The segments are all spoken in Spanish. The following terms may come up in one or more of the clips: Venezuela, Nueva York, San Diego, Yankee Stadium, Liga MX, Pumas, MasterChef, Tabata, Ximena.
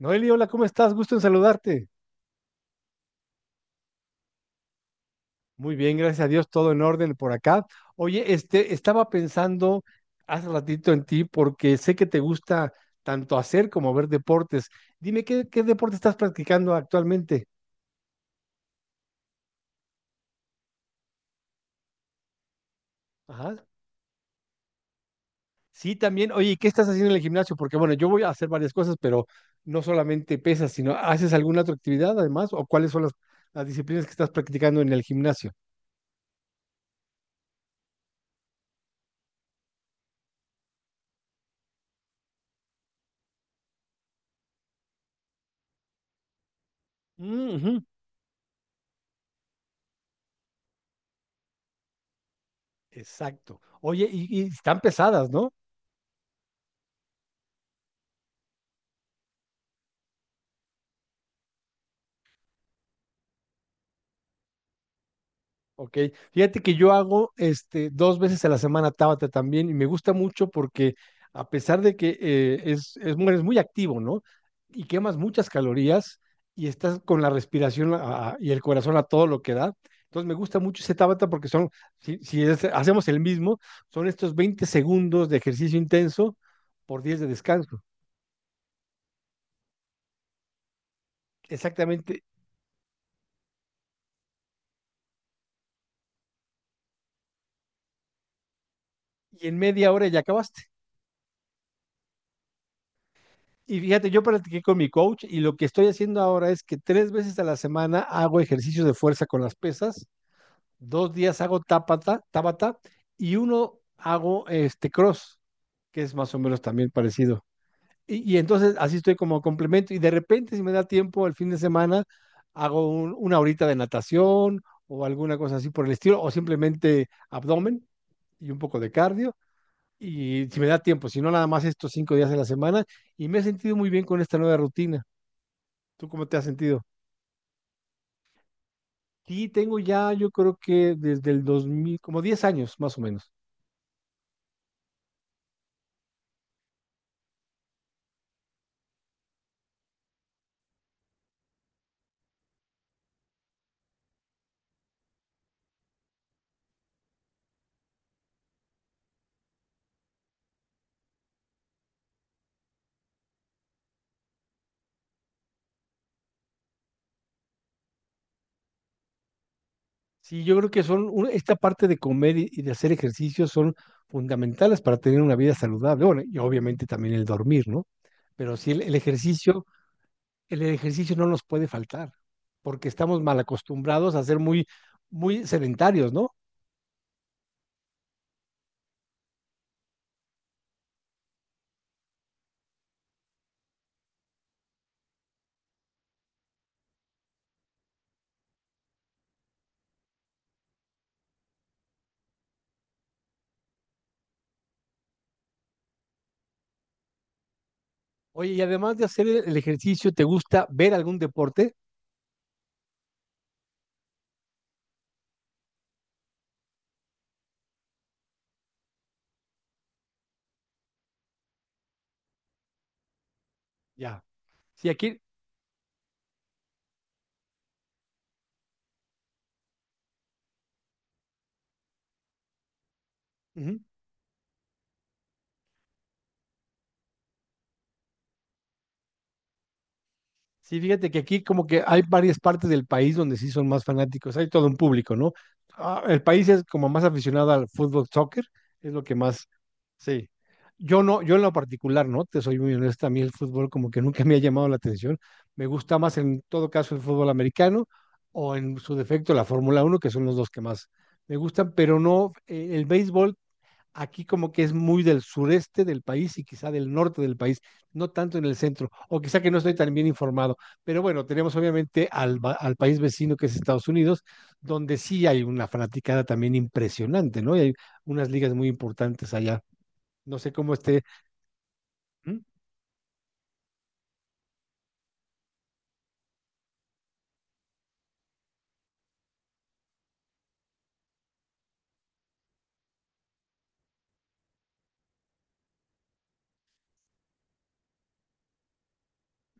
Noeli, hola, ¿cómo estás? Gusto en saludarte. Muy bien, gracias a Dios, todo en orden por acá. Oye, estaba pensando hace ratito en ti porque sé que te gusta tanto hacer como ver deportes. Dime, ¿qué deporte estás practicando actualmente? Ajá. Sí, también. Oye, ¿Qué estás haciendo en el gimnasio? Porque bueno, yo voy a hacer varias cosas, pero no solamente pesas, sino ¿haces alguna otra actividad además? ¿O cuáles son las disciplinas que estás practicando en el gimnasio? Mm, ujú. Exacto. Oye, y están pesadas, ¿no? Ok, fíjate que yo hago 2 veces a la semana Tabata también y me gusta mucho porque a pesar de que eres muy activo, ¿no? Y quemas muchas calorías y estás con la respiración y el corazón a todo lo que da. Entonces me gusta mucho ese Tabata porque son, si, si es- hacemos el mismo, son estos 20 segundos de ejercicio intenso por 10 de descanso. Exactamente. Y en media hora ya acabaste. Y fíjate, yo practiqué con mi coach y lo que estoy haciendo ahora es que 3 veces a la semana hago ejercicios de fuerza con las pesas, 2 días hago tabata y uno hago cross, que es más o menos también parecido. Y entonces así estoy como complemento y de repente si me da tiempo el fin de semana hago una horita de natación o alguna cosa así por el estilo o simplemente abdomen y un poco de cardio y si me da tiempo, si no nada más estos 5 días de la semana y me he sentido muy bien con esta nueva rutina. ¿Tú cómo te has sentido? Sí, tengo ya, yo creo que desde el 2000 como 10 años más o menos. Sí, yo creo que son, esta parte de comer y de hacer ejercicio son fundamentales para tener una vida saludable. Bueno, y obviamente también el dormir, ¿no? Pero sí, el ejercicio no nos puede faltar, porque estamos mal acostumbrados a ser muy, muy sedentarios, ¿no? Oye, y además de hacer el ejercicio, ¿te gusta ver algún deporte? Ya. Sí, aquí. Ujú. Sí, fíjate que aquí como que hay varias partes del país donde sí son más fanáticos, hay todo un público, ¿no? Ah, el país es como más aficionado al fútbol, soccer, es lo que más, sí. Yo no, yo en lo particular, ¿no? Te soy muy honesta, a mí el fútbol como que nunca me ha llamado la atención. Me gusta más en todo caso el fútbol americano o en su defecto la Fórmula Uno, que son los dos que más me gustan, pero no, el béisbol aquí como que es muy del sureste del país y quizá del norte del país, no tanto en el centro, o quizá que no estoy tan bien informado. Pero bueno, tenemos obviamente al país vecino que es Estados Unidos, donde sí hay una fanaticada también impresionante, ¿no? Y hay unas ligas muy importantes allá. No sé cómo esté. ¿Mm?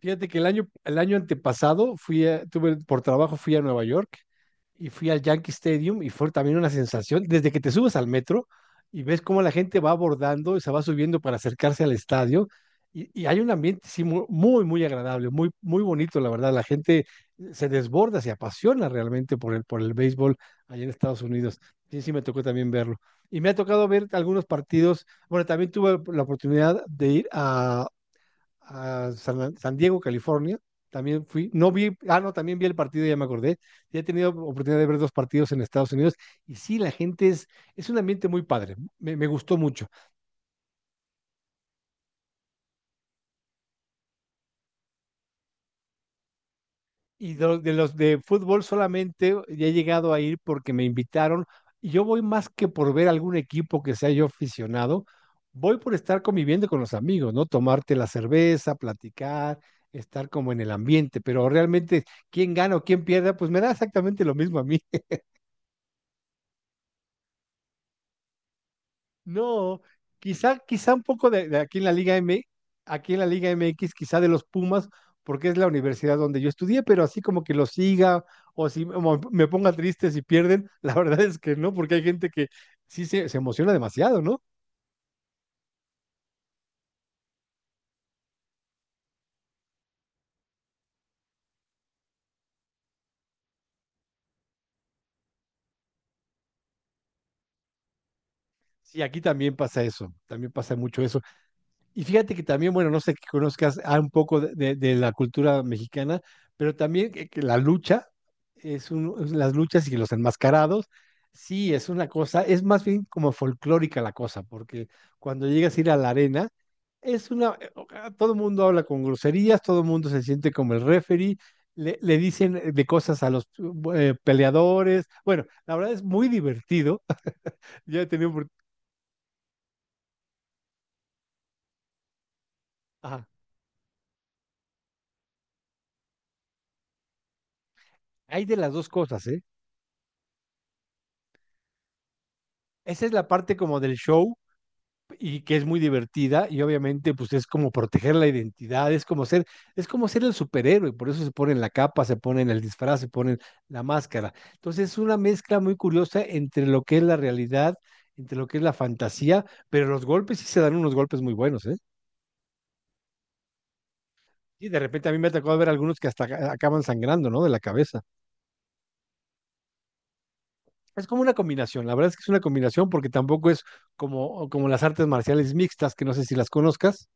Fíjate que el año antepasado tuve, por trabajo fui a Nueva York y fui al Yankee Stadium y fue también una sensación, desde que te subes al metro y ves cómo la gente va abordando y se va subiendo para acercarse al estadio y hay un ambiente sí, muy, muy agradable, muy, muy bonito, la verdad, la gente se desborda, se apasiona realmente por el béisbol allá en Estados Unidos. Sí, sí, me tocó también verlo. Y me ha tocado ver algunos partidos, bueno, también tuve la oportunidad de ir a San Diego, California. También fui, no vi, ah, no, también vi el partido, ya me acordé. Ya he tenido oportunidad de ver dos partidos en Estados Unidos y sí, la gente es un ambiente muy padre, me gustó mucho. Y de los de fútbol solamente ya he llegado a ir porque me invitaron y yo voy más que por ver algún equipo que sea yo aficionado, voy por estar conviviendo con los amigos, ¿no? Tomarte la cerveza, platicar, estar como en el ambiente, pero realmente quién gana o quién pierda, pues me da exactamente lo mismo a mí. No, quizá, quizá un poco de aquí en la Liga MX, quizá de los Pumas, porque es la universidad donde yo estudié, pero así como que los siga o si me ponga triste si pierden, la verdad es que no, porque hay gente que sí se emociona demasiado, ¿no? Sí, aquí también pasa eso, también pasa mucho eso. Y fíjate que también, bueno, no sé que conozcas un poco de la cultura mexicana, pero también que la lucha, es las luchas y los enmascarados, sí, es una cosa, es más bien como folclórica la cosa, porque cuando llegas a ir a la arena, es una, o- ah, todo el mundo habla con groserías, todo el mundo se siente como el referee, le dicen de cosas a los peleadores, bueno, la verdad es muy divertido, ya he tenido, ajá, hay de las dos cosas, ¿eh? Esa es la parte como del show y que es muy divertida y obviamente pues es como proteger la identidad, es como ser el superhéroe, por eso se ponen la capa, se ponen el disfraz, se ponen la máscara. Entonces es una mezcla muy curiosa entre lo que es la realidad, entre lo que es la fantasía, pero los golpes sí se dan unos golpes muy buenos, ¿eh? Y de repente a mí me ha tocado ver algunos que hasta acaban sangrando, ¿no? De la cabeza. Es como una combinación, la verdad es que es una combinación porque tampoco es como las artes marciales mixtas, que no sé si las conozcas.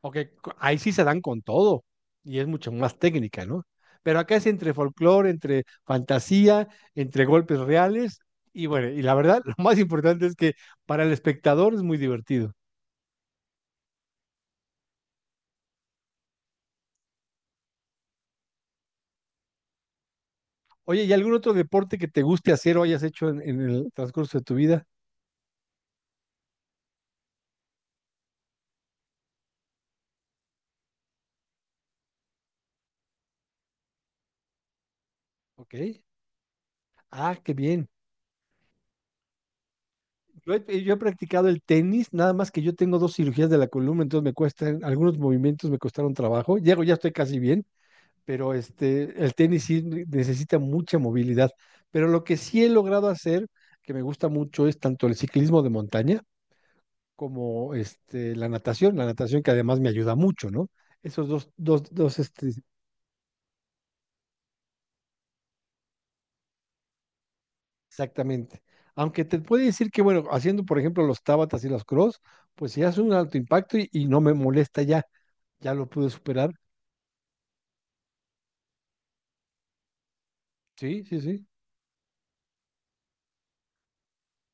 Ok. Ahí sí se dan con todo y es mucho más técnica, ¿no? Pero acá es entre folclore, entre fantasía, entre golpes reales y bueno, y la verdad, lo más importante es que para el espectador es muy divertido. Oye, ¿y algún otro deporte que te guste hacer o hayas hecho en el transcurso de tu vida? Ok. Ah, qué bien. Yo he practicado el tenis, nada más que yo tengo dos cirugías de la columna, entonces me cuestan, algunos movimientos me costaron trabajo. Llego, ya estoy casi bien, pero el tenis sí necesita mucha movilidad. Pero lo que sí he logrado hacer, que me gusta mucho, es tanto el ciclismo de montaña como la natación que además me ayuda mucho, ¿no? Esos dos, exactamente. Aunque te puede decir que, bueno, haciendo, por ejemplo, los tábatas y los cross, pues si hace un alto impacto y no me molesta ya, ya lo pude superar. Sí, sí, sí.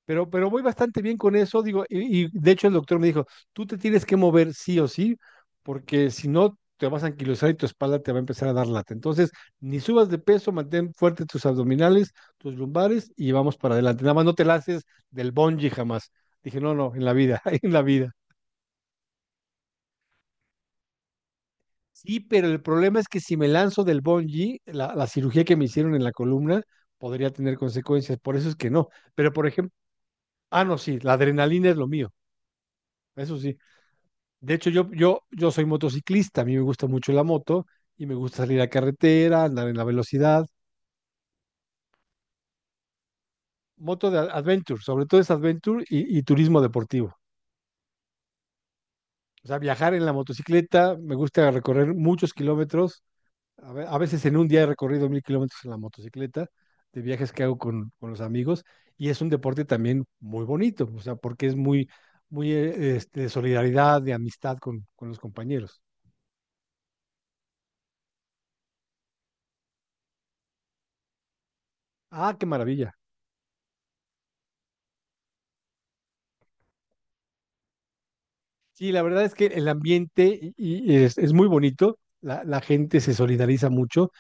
Pero voy bastante bien con eso, digo, y de hecho el doctor me dijo, tú te tienes que mover sí o sí, porque si no te vas a anquilosar y tu espalda te va a empezar a dar lata. Entonces, ni subas de peso, mantén fuerte tus abdominales, tus lumbares y vamos para adelante. Nada más no te lances del bungee jamás. Dije, no, no, en la vida, en la vida. Sí, pero el problema es que si me lanzo del bungee, la cirugía que me hicieron en la columna podría tener consecuencias, por eso es que no. Pero, por ejemplo, ah, no, sí, la adrenalina es lo mío, eso sí. De hecho, yo soy motociclista, a mí me gusta mucho la moto y me gusta salir a carretera, andar en la velocidad. Moto de adventure, sobre todo es adventure y turismo deportivo. O sea, viajar en la motocicleta, me gusta recorrer muchos kilómetros. A veces en un día he recorrido 1.000 kilómetros en la motocicleta, de viajes que hago con los amigos. Y es un deporte también muy bonito, o sea, porque es muy, muy de solidaridad, de amistad con los compañeros. Ah, qué maravilla. Sí, la verdad es que el ambiente y es muy bonito, la gente se solidariza mucho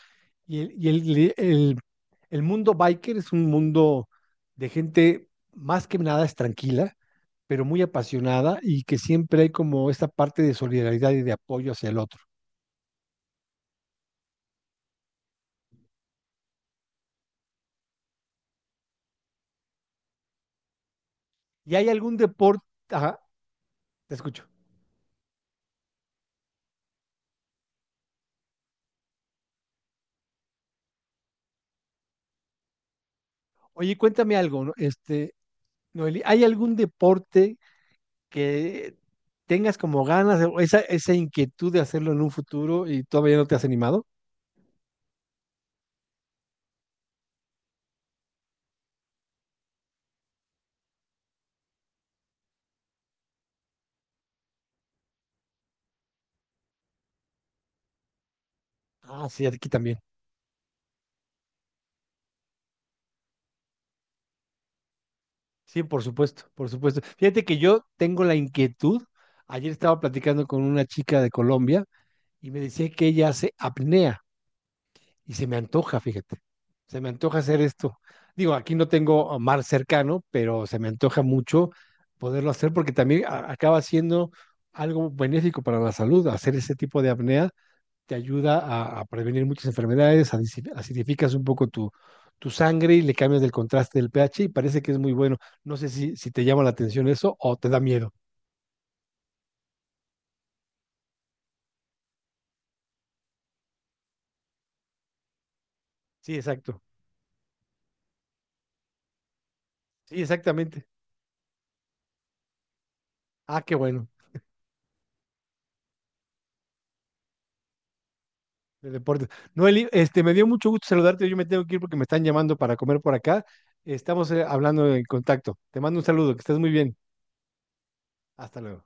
y el mundo biker es un mundo de gente más que nada es tranquila, pero muy apasionada y que siempre hay como esta parte de solidaridad y de apoyo hacia el otro. ¿Y hay algún deporte? Ajá, te escucho. Oye, cuéntame algo, ¿no? Noeli, ¿hay algún deporte que tengas como ganas o esa inquietud de hacerlo en un futuro y todavía no te has animado? Ah, sí, aquí también. Sí, por supuesto, por supuesto. Fíjate que yo tengo la inquietud. Ayer estaba platicando con una chica de Colombia y me decía que ella hace apnea y se me antoja, fíjate. Se me antoja hacer esto. Digo, aquí no tengo a mar cercano, pero se me antoja mucho poderlo hacer porque también acaba siendo algo benéfico para la salud, hacer ese tipo de apnea te ayuda a prevenir muchas enfermedades, acidificas un poco tu sangre y le cambias el contraste del pH y parece que es muy bueno. No sé si te llama la atención eso o te da miedo. Sí, exacto. Sí, exactamente. Ah, qué bueno. De deporte. Noeli, me dio mucho gusto saludarte. Yo me tengo que ir porque me están llamando para comer por acá. Estamos hablando en contacto. Te mando un saludo, que estés muy bien. Hasta luego.